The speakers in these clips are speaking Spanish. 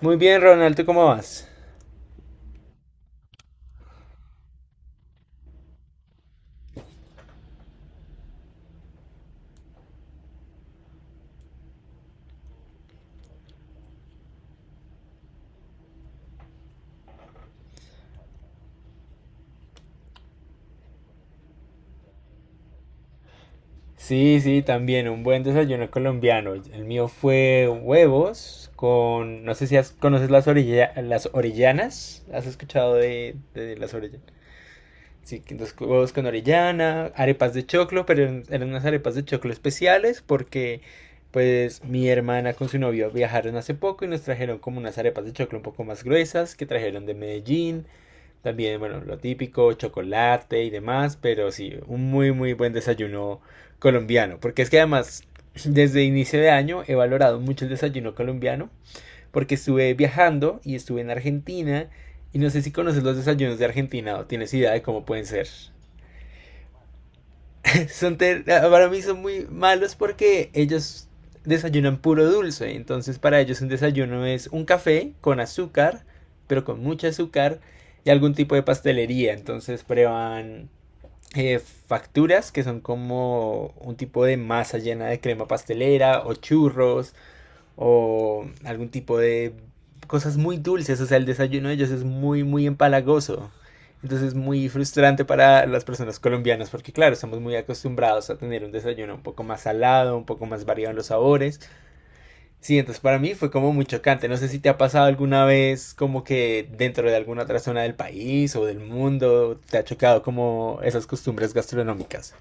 Muy bien, Ronald, ¿tú cómo vas? Sí, sí, también un buen desayuno colombiano. El mío fue huevos con, no sé si conoces las las orellanas. ¿Has escuchado de las orellanas? Sí, que dos huevos con orellana, arepas de choclo, pero eran unas arepas de choclo especiales porque pues mi hermana con su novio viajaron hace poco y nos trajeron como unas arepas de choclo un poco más gruesas que trajeron de Medellín. También, bueno, lo típico, chocolate y demás, pero sí, un muy, muy buen desayuno colombiano. Porque es que además, desde inicio de año he valorado mucho el desayuno colombiano, porque estuve viajando y estuve en Argentina, y no sé si conoces los desayunos de Argentina o tienes idea de cómo pueden ser. Son para mí son muy malos porque ellos desayunan puro dulce. Entonces para ellos un desayuno es un café con azúcar, pero con mucho azúcar y algún tipo de pastelería. Entonces prueban eh, facturas que son como un tipo de masa llena de crema pastelera o churros o algún tipo de cosas muy dulces, o sea, el desayuno de ellos es muy, muy empalagoso. Entonces es muy frustrante para las personas colombianas porque claro, estamos muy acostumbrados a tener un desayuno un poco más salado, un poco más variado en los sabores. Sí, entonces para mí fue como muy chocante. No sé si te ha pasado alguna vez como que dentro de alguna otra zona del país o del mundo te ha chocado como esas costumbres gastronómicas.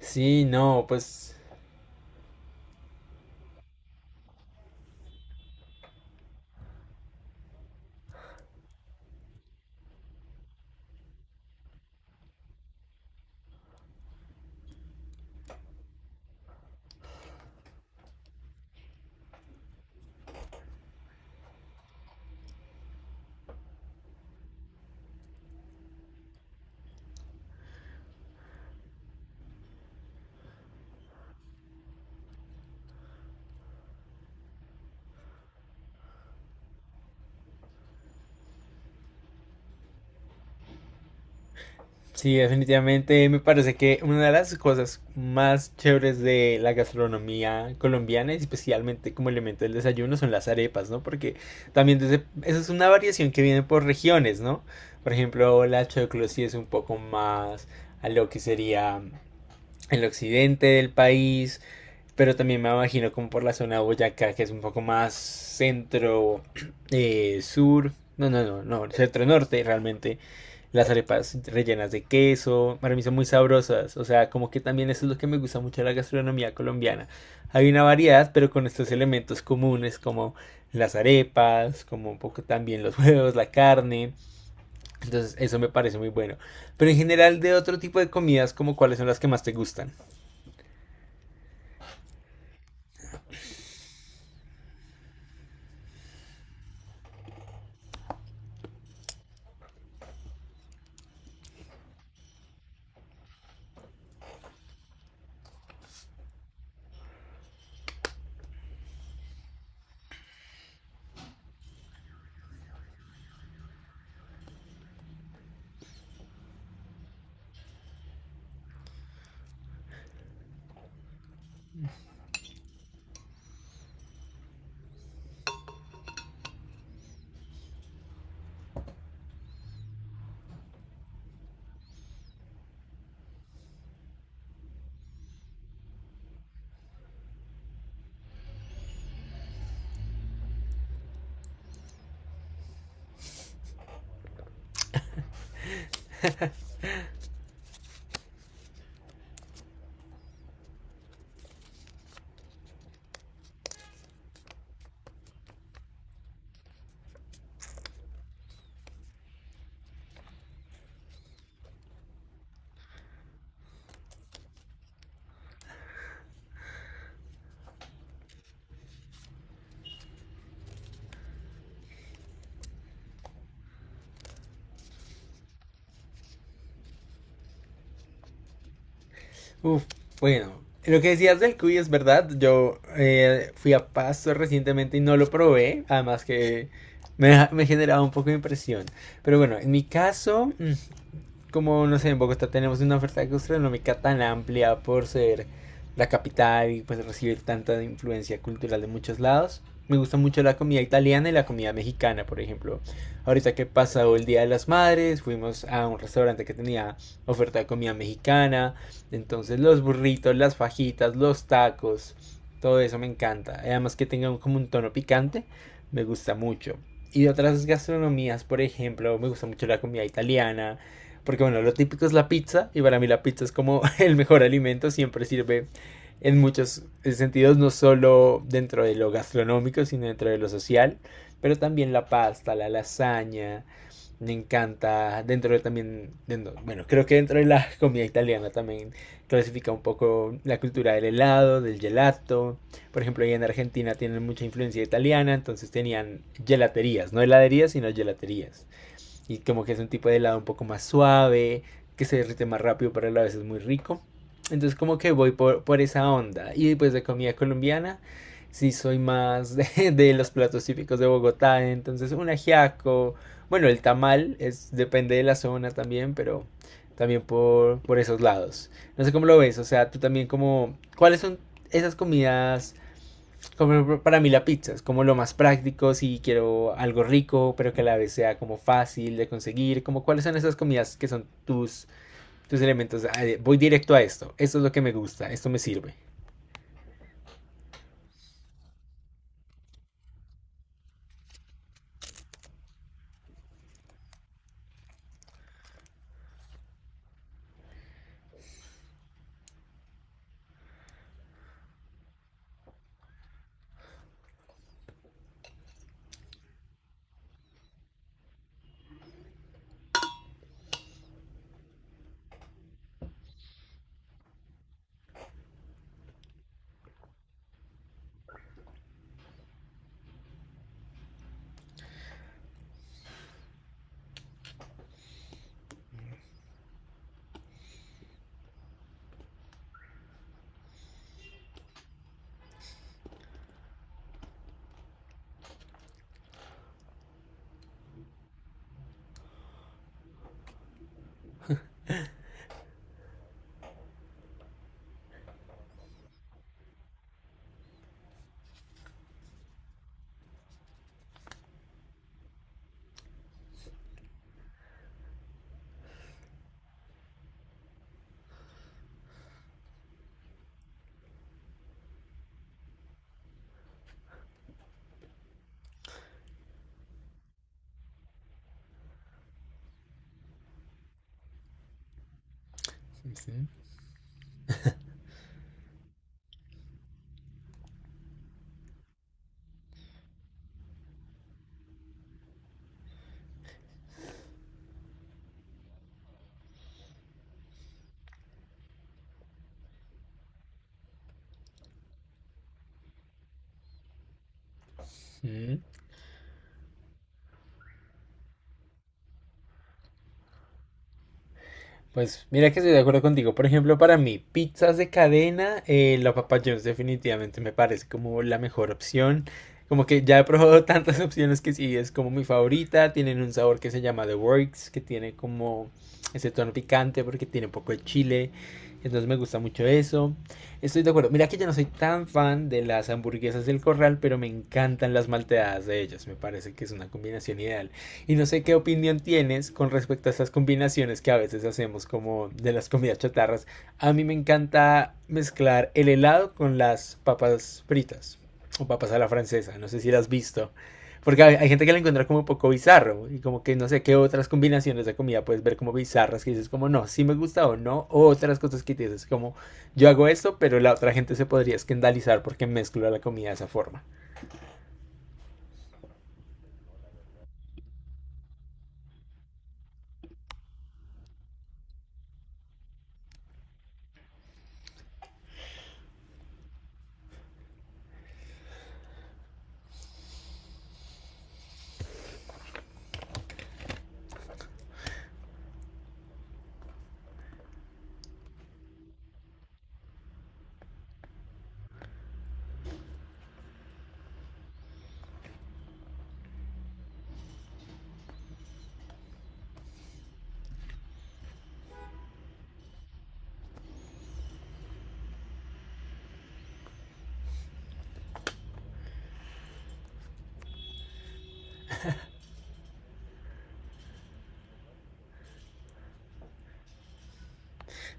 Sí, no, pues sí, definitivamente me parece que una de las cosas más chéveres de la gastronomía colombiana, especialmente como elemento del desayuno, son las arepas, ¿no? Porque también desde, esa es una variación que viene por regiones, ¿no? Por ejemplo, la choclo sí es un poco más a lo que sería el occidente del país, pero también me imagino como por la zona de Boyacá, que es un poco más centro, sur, no, no, no, no, centro norte realmente. Las arepas rellenas de queso, para mí son muy sabrosas. O sea, como que también eso es lo que me gusta mucho de la gastronomía colombiana. Hay una variedad, pero con estos elementos comunes como las arepas, como un poco también los huevos, la carne. Entonces, eso me parece muy bueno. Pero en general, de otro tipo de comidas, como cuáles son las que más te gustan. Uf, bueno, lo que decías del cuy es verdad. Yo fui a Pasto recientemente y no lo probé. Además que me generaba un poco de impresión. Pero bueno, en mi caso, mm, como no sé, en Bogotá tenemos una oferta gastronómica tan amplia por ser la capital y pues recibir tanta influencia cultural de muchos lados. Me gusta mucho la comida italiana y la comida mexicana, por ejemplo. Ahorita que pasó el Día de las Madres, fuimos a un restaurante que tenía oferta de comida mexicana. Entonces los burritos, las fajitas, los tacos, todo eso me encanta. Además que tenga como un tono picante, me gusta mucho. Y de otras gastronomías, por ejemplo, me gusta mucho la comida italiana, porque bueno, lo típico es la pizza y para mí la pizza es como el mejor alimento, siempre sirve en muchos sentidos, no solo dentro de lo gastronómico, sino dentro de lo social, pero también la pasta, la lasaña, me encanta, dentro de también, dentro, bueno, creo que dentro de la comida italiana también clasifica un poco la cultura del helado, del gelato, por ejemplo, ahí en Argentina tienen mucha influencia italiana, entonces tenían gelaterías, no heladerías, sino gelaterías. Y como que es un tipo de helado un poco más suave, que se derrite más rápido, pero a la vez es muy rico. Entonces como que voy por esa onda. Y después de comida colombiana, sí soy más de los platos típicos de Bogotá. Entonces un ajiaco, bueno, el tamal es, depende de la zona también, pero también por esos lados. No sé cómo lo ves, o sea, tú también como, ¿cuáles son esas comidas como para mí la pizza es como lo más práctico si quiero algo rico, pero que a la vez sea como fácil de conseguir, como cuáles son esas comidas que son tus, tus elementos. Ah, Voy directo a esto, esto es lo que me gusta, esto me sirve. Sí. Mm. Pues mira que estoy de acuerdo contigo. Por ejemplo, para mí, pizzas de cadena, la Papa John's definitivamente me parece como la mejor opción. Como que ya he probado tantas opciones que sí, es como mi favorita. Tienen un sabor que se llama The Works, que tiene como ese tono picante porque tiene un poco de chile. Entonces me gusta mucho eso. Estoy de acuerdo. Mira que yo no soy tan fan de las hamburguesas del corral, pero me encantan las malteadas de ellas. Me parece que es una combinación ideal. Y no sé qué opinión tienes con respecto a estas combinaciones que a veces hacemos como de las comidas chatarras. A mí me encanta mezclar el helado con las papas fritas o papas a la francesa, no sé si las has visto. Porque hay gente que la encuentra como un poco bizarro y como que no sé qué otras combinaciones de comida puedes ver como bizarras que dices como no, si sí me gusta o no, o otras cosas que dices como yo hago esto, pero la otra gente se podría escandalizar porque mezclo la comida de esa forma.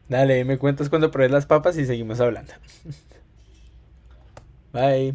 Dale, me cuentas cuando pruebes las papas y seguimos hablando. Bye.